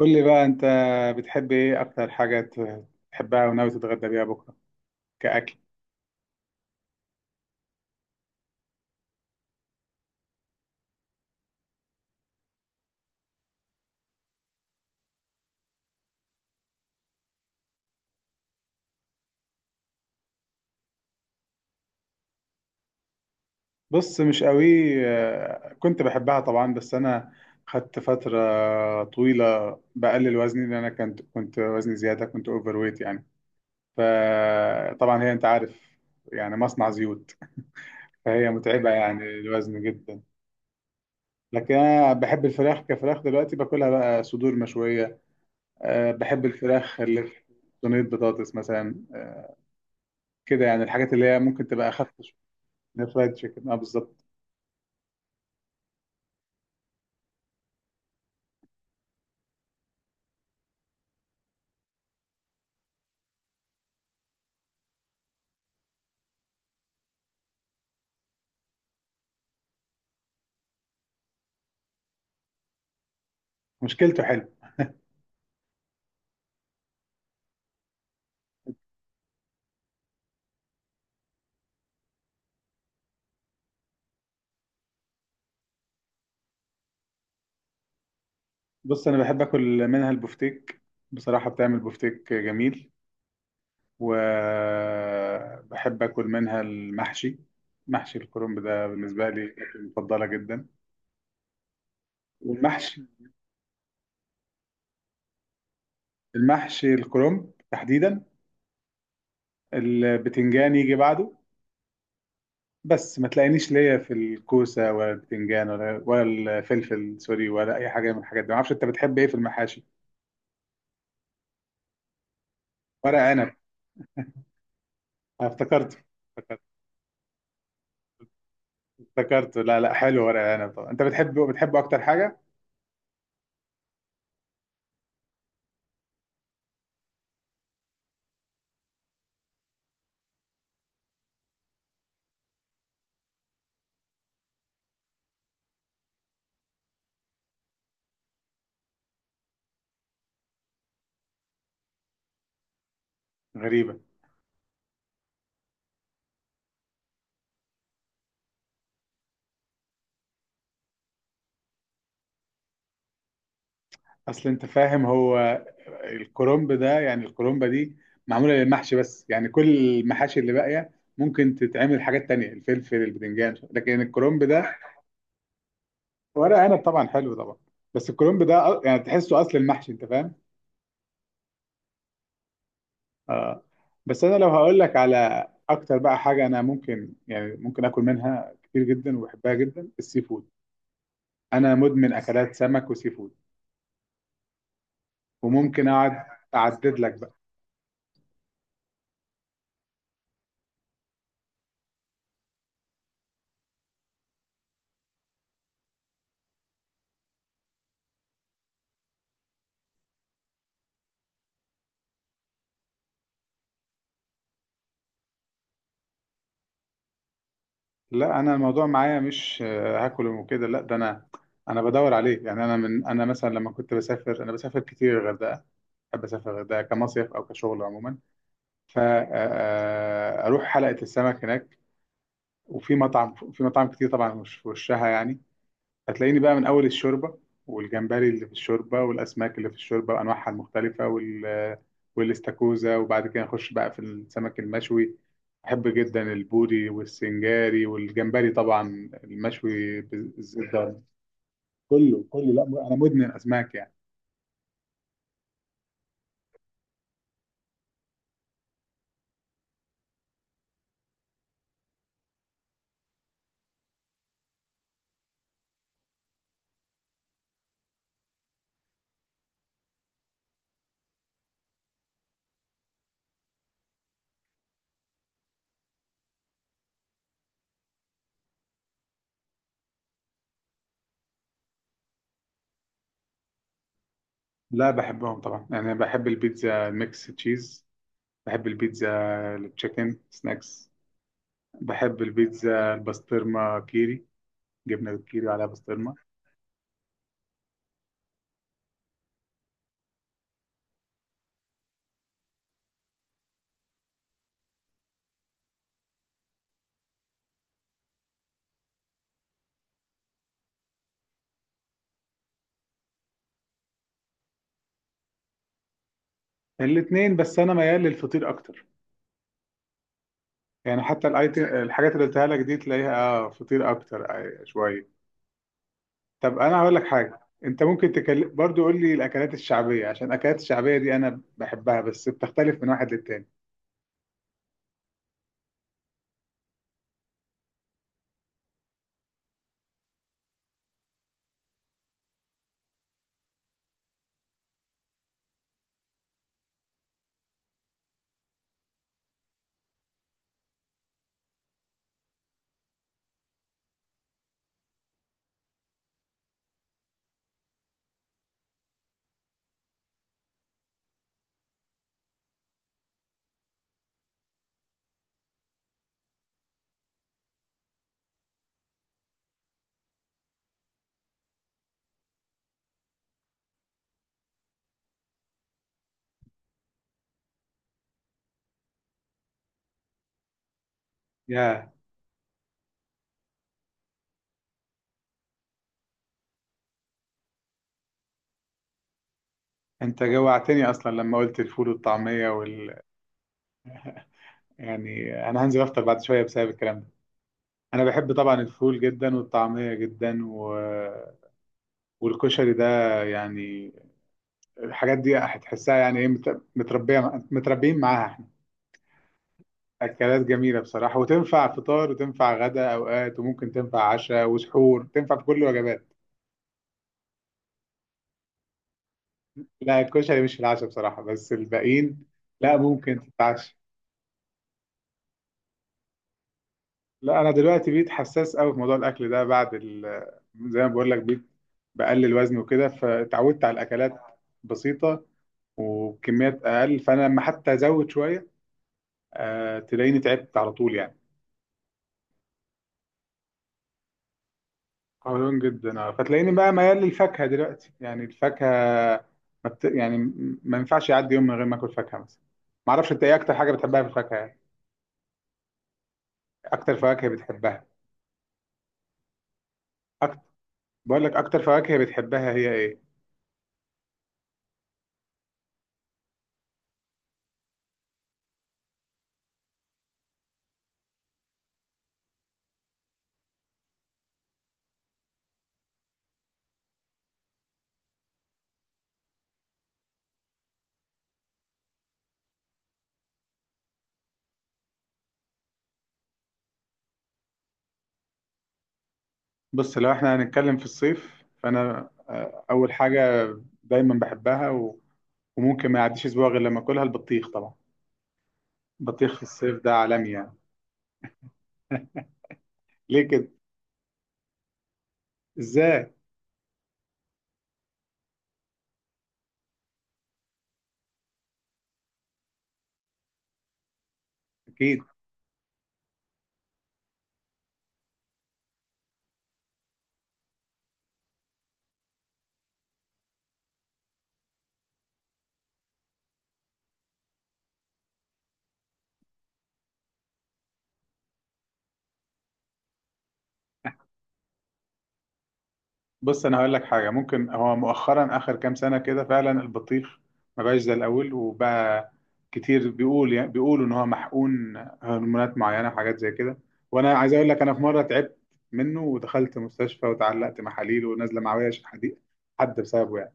قول لي بقى انت بتحب ايه اكتر حاجة تحبها وناوي تتغدى بيها بكرة كأكل؟ بص، مش قوي. كنت بحبها طبعا، بس انا خدت فترة طويلة بقلل وزني لان انا كنت وزني زيادة، كنت اوفر ويت يعني. فطبعا هي انت عارف يعني مصنع زيوت، فهي متعبة يعني الوزن جدا. لكن انا بحب الفراخ كفراخ، دلوقتي باكلها بقى صدور مشوية. أه، بحب الفراخ اللي في صينية بطاطس مثلا، كده يعني الحاجات اللي هي ممكن تبقى اخف شويه من الفرايد تشيكن. اه بالظبط، مشكلته حلو. بص انا بحب اكل منها البفتيك، بصراحه بتعمل بفتيك جميل، وبحب اكل منها المحشي. محشي الكرنب ده بالنسبه لي أكلة مفضله جدا. والمحشي، المحشي الكرنب تحديدا، البتنجان يجي بعده. بس ما تلاقينيش ليا في الكوسه ولا البتنجان ولا الفلفل، سوري، ولا اي حاجه من الحاجات دي. ما اعرفش انت بتحب ايه في المحاشي؟ ورق عنب، افتكرت. افتكرته. لا، حلو ورق العنب طبعا. انت بتحبه؟ بتحبه اكتر حاجه؟ غريبه. اصل انت فاهم هو الكرنب ده، يعني الكرنبه دي معموله للمحشي بس، يعني كل المحاشي اللي باقيه ممكن تتعمل حاجات تانية، الفلفل، البتنجان، لكن الكرنب ده. ورق عنب طبعا حلو طبعا، بس الكرنب ده يعني تحسه اصل المحشي، انت فاهم. اه. بس انا لو هقول لك على اكتر بقى حاجه انا ممكن، يعني ممكن اكل منها كتير جدا وبحبها جدا، السي فود. انا مدمن اكلات سمك وسي فود. وممكن اقعد اعدد لك بقى. لا انا الموضوع معايا مش هاكل وكده، لا ده انا انا بدور عليه يعني. انا من انا مثلا لما كنت بسافر، انا بسافر كتير الغردقه، بحب اسافر الغردقه كمصيف او كشغل عموما، فاروح حلقه السمك هناك. وفي مطعم، في مطاعم كتير طبعا مش في وشها يعني، هتلاقيني بقى من أول الشوربة والجمبري اللي في الشوربة والأسماك اللي في الشوربة وأنواعها المختلفة وال والاستاكوزا، وبعد كده نخش بقى في السمك المشوي. بحب جدا البوري والسنجاري والجمبري طبعا المشوي بالزيت ده. كله كله، لا أنا مدمن أسماك يعني. لا بحبهم طبعا، يعني أنا بحب البيتزا ميكس تشيز، بحب البيتزا التشيكن سناكس، بحب البيتزا البسطرمة كيري، جبنة بالكيري على بسطرمة. الاتنين، بس أنا ميال للفطير أكتر. يعني حتى الاي تي الحاجات اللي قلتها لك دي تلاقيها اه فطير اكتر شويه. طب انا هقول لك حاجه، انت ممكن تكلم برضو، قول لي الاكلات الشعبيه، عشان الاكلات الشعبيه دي انا بحبها بس بتختلف من واحد للتاني. يا، انت جوعتني اصلا لما قلت الفول والطعميه وال، يعني انا هنزل افطر بعد شويه بسبب الكلام ده. انا بحب طبعا الفول جدا والطعميه جدا و... والكشري ده، يعني الحاجات دي هتحسها يعني ايه، متربيه متربيين معاها. اكلات جميله بصراحه، وتنفع فطار وتنفع غدا اوقات وممكن تنفع عشاء وسحور، تنفع في كل الوجبات. لا الكشري مش في العشاء بصراحه، بس الباقيين. لا ممكن تتعشى. لا انا دلوقتي بقيت حساس قوي في موضوع الاكل ده بعد ال... زي ما بقول لك بقيت بقلل وزن وكده، فتعودت على الاكلات بسيطه وبكميات اقل، فانا لما حتى ازود شويه أه تلاقيني تعبت على طول يعني. قولون جدا اه، فتلاقيني بقى ميال للفاكهه دلوقتي، يعني الفاكهه ما بت... يعني م- ما ينفعش يعدي يوم من غير ما اكل فاكهه مثلا. ما اعرفش انت ايه اكتر حاجه بتحبها في الفاكهه يعني؟ اكتر فواكه بتحبها؟ أكتر... بقول لك اكتر فواكه بتحبها هي ايه؟ بص لو احنا هنتكلم في الصيف، فانا اول حاجه دايما بحبها و... وممكن ما يعديش اسبوع غير لما اكلها، البطيخ طبعا. البطيخ في الصيف ده عالمي يعني. ليه كده؟ ازاي؟ اكيد. بص انا هقول لك حاجه، ممكن هو مؤخرا اخر كام سنه كده فعلا البطيخ ما بقاش زي الاول، وبقى كتير بيقول، يعني بيقولوا ان هو محقون هرمونات معينه وحاجات زي كده. وانا عايز اقول لك انا في مره تعبت منه ودخلت مستشفى وتعلقت محاليل ونازله معويه حديد حد بسببه يعني.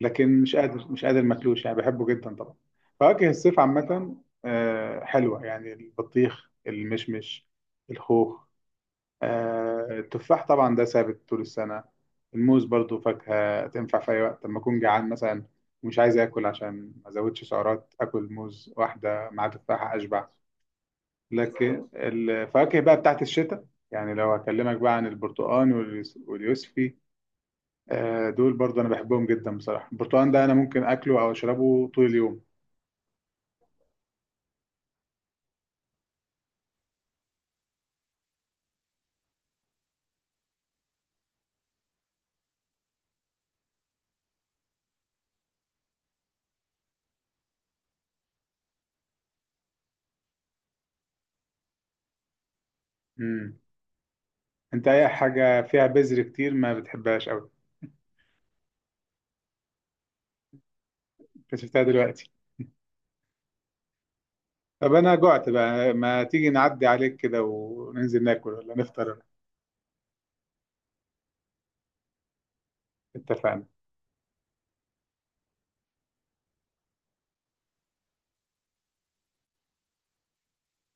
لكن مش قادر، مش قادر ماكلوش يعني، بحبه جدا طبعا. فواكه الصيف عامه حلوه يعني، البطيخ، المشمش، الخوخ، التفاح طبعا ده ثابت طول السنة. الموز برضو فاكهة تنفع في أي وقت، لما أكون جعان مثلا ومش عايز آكل عشان ما أزودش سعرات، آكل موز واحدة مع تفاحة أشبع. لكن الفواكه بقى بتاعت الشتاء، يعني لو هكلمك بقى عن البرتقال واليوسفي، دول برضو أنا بحبهم جدا بصراحة. البرتقال ده أنا ممكن أكله أو أشربه طول اليوم. مم. أنت أي حاجة فيها بذر كتير ما بتحبهاش أوي. اكتشفتها دلوقتي. طب انا جعت بقى، ما تيجي نعدي عليك كده وننزل ناكل ولا نفطر؟ اتفقنا.